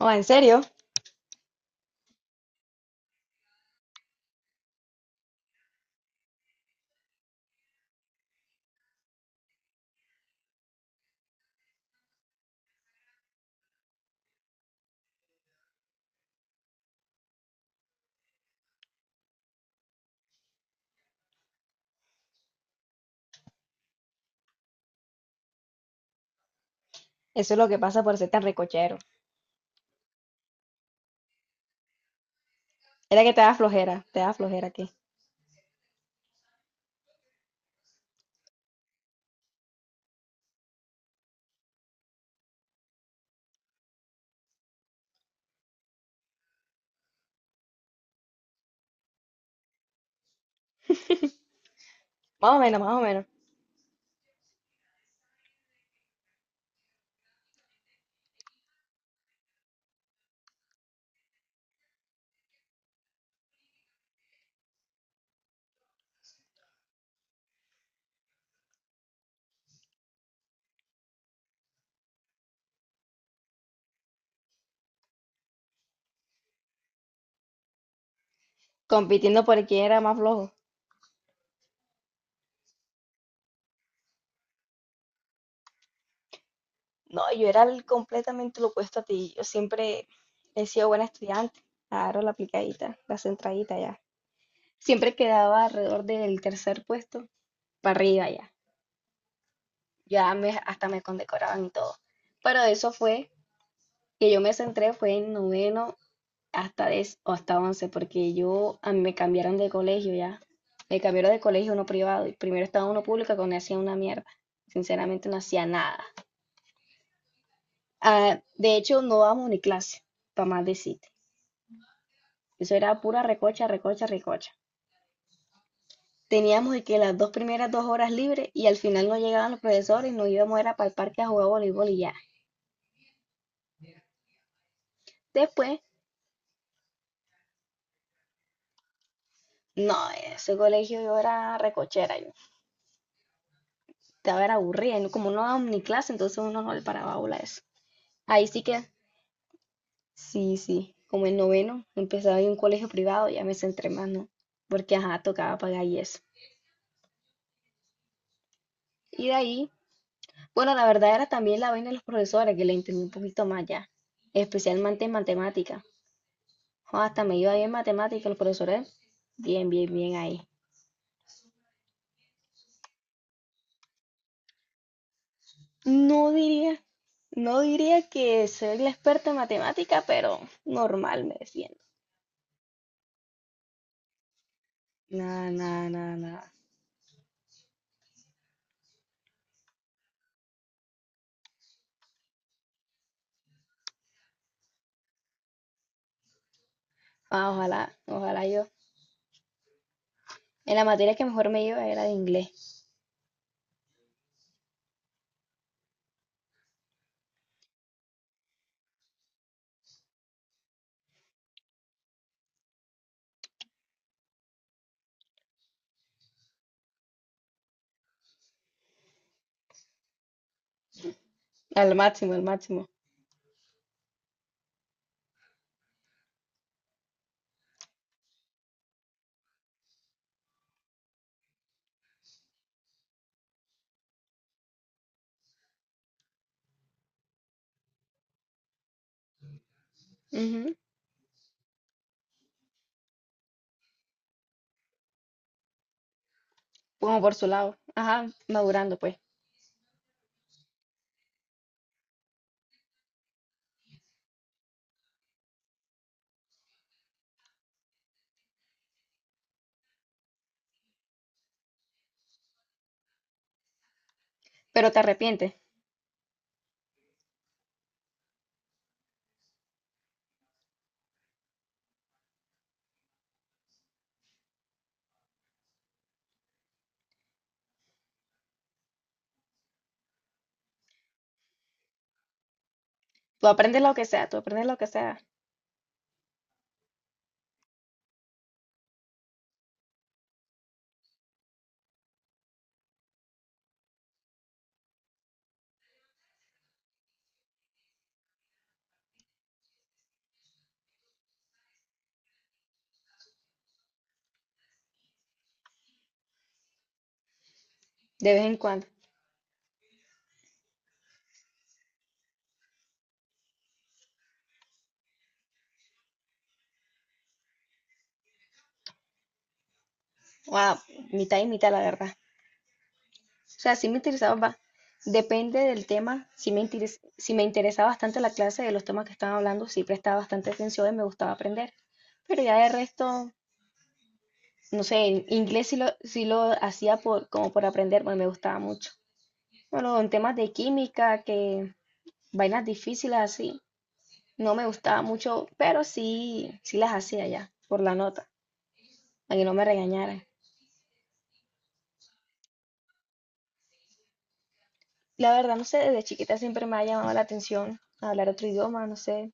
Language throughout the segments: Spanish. Oh, ¿en serio? Eso es lo que pasa por ser tan recochero. Era que te da flojera aquí. Más o menos, más o menos. Compitiendo por quién era más flojo. No, yo era el completamente lo opuesto a ti. Yo siempre he sido buena estudiante. Claro, la aplicadita, la centradita ya. Siempre quedaba alrededor del tercer puesto para arriba ya. Ya hasta me condecoraban y todo. Pero eso fue, que yo me centré fue en noveno hasta 10 o hasta 11, porque yo a mí me cambiaron de colegio ya. Me cambiaron de colegio a uno privado y primero estaba uno público que no hacía una mierda. Sinceramente no hacía nada. Ah, de hecho, no dábamos ni clase, para más decirte. Eso era pura recocha, recocha, recocha. Teníamos de que las dos primeras dos horas libres y al final no llegaban los profesores y nos íbamos era para el parque a jugar voleibol y ya. Después, no, ese colegio yo era recochera, yo estaba era aburrida, y como no dábamos ni clase, entonces uno no le paraba bola a eso. Ahí sí que sí, sí, como el noveno, empezaba en un colegio privado, ya me centré más, ¿no? Porque, ajá, tocaba pagar y eso. Y de ahí, bueno, la verdad era también la vaina de los profesores, que le entendí un poquito más ya, especialmente en matemática. Jo, hasta me iba bien en matemática, los profesores, bien, bien, bien ahí. No diría, no diría que soy la experta en matemática, pero normal me defiendo. Nada, nada, nada, nada. Ah, ojalá, ojalá yo. En la materia que mejor me iba era de inglés, al máximo, al máximo. Ujú. Como por su lado. Ajá, madurando pues. Pero te arrepientes. Tú aprendes lo que sea, tú aprendes lo que sea, de vez en cuando. O mitad y mitad, la verdad. O sea, sí me interesaba, depende del tema, si me interesaba bastante la clase de los temas que estaban hablando, sí prestaba bastante atención y me gustaba aprender. Pero ya de resto, no sé, en inglés sí lo hacía por, como por aprender, porque me gustaba mucho. Bueno, en temas de química, que vainas difíciles así. No me gustaba mucho, pero sí, sí las hacía ya, por la nota, para que no me regañaran. La verdad, no sé, desde chiquita siempre me ha llamado la atención hablar otro idioma, no sé.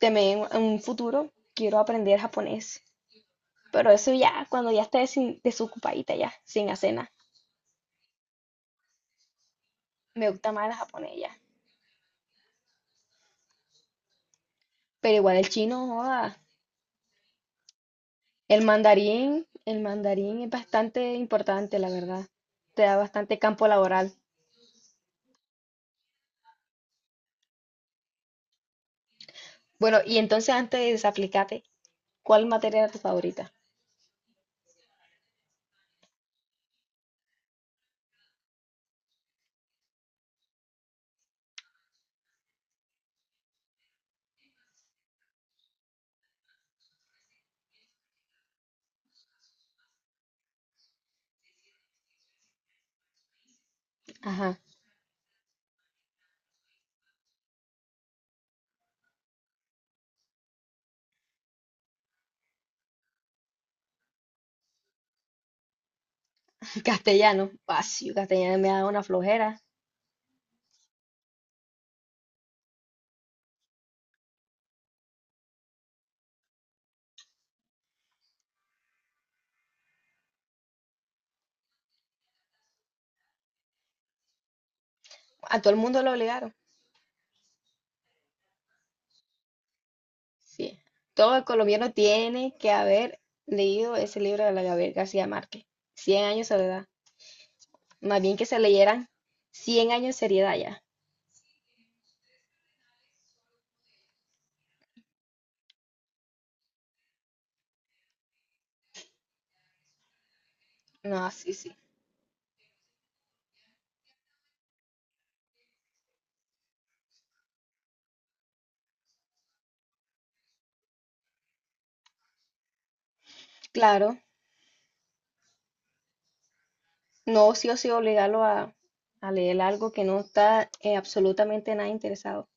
También en un futuro quiero aprender japonés, pero eso ya, cuando ya esté sin, desocupadita ya, sin hacer nada. Me gusta más el japonés ya. Pero igual el chino, joda. El mandarín es bastante importante, la verdad. Te da bastante campo laboral. Bueno, y entonces antes de desaplicarme, ¿cuál materia era tu favorita? Ajá. Castellano, ah, sí, castellano me da una flojera. A todo el mundo lo obligaron. Sí. Todo el colombiano tiene que haber leído ese libro de la Gabriel García Márquez. Cien años de soledad. Más bien que se leyeran 100 años de seriedad ya. No, sí, sí. Claro, no sí o sí obligarlo a leer algo que no está, absolutamente nada interesado.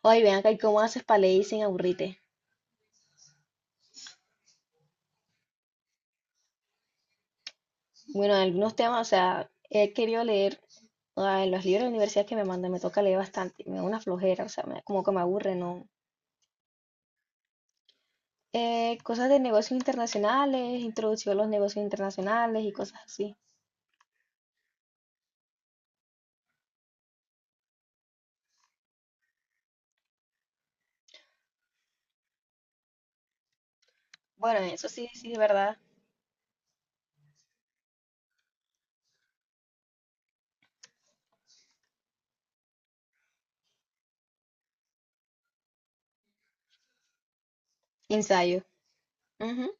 Oye, vean acá, ¿y cómo haces para leer sin aburrirte? Bueno, algunos temas, o sea, he querido leer, ah, en los libros de la universidad que me mandan, me toca leer bastante, me da una flojera, o sea, como que me aburre, ¿no? Cosas de negocios internacionales, introducción a los negocios internacionales y cosas así. Bueno, eso sí, sí, es verdad. Ensayo. Ujú.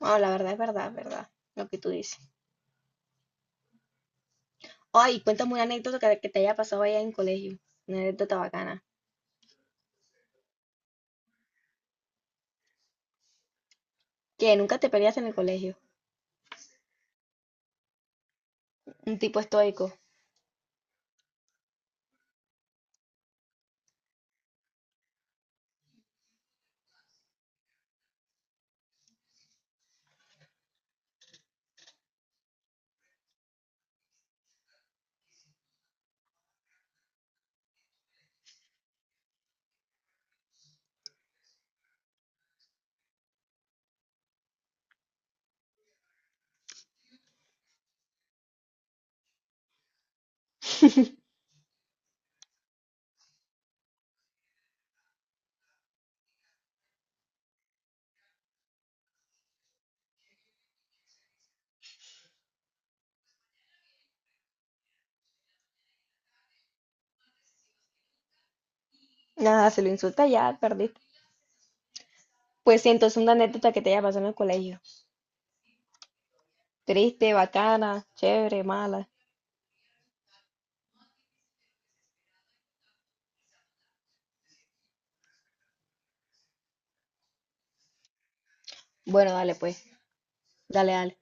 Bueno, la verdad es verdad, es verdad, lo que tú dices. Ay, cuéntame una anécdota que te haya pasado allá en colegio, una anécdota bacana. Que nunca te peleaste en el colegio, un tipo estoico. Nada, se lo insulta ya, perdiste. Pues sí, entonces una anécdota que te haya pasado en el colegio. Triste, bacana, chévere, mala. Bueno, dale pues. Dale, dale.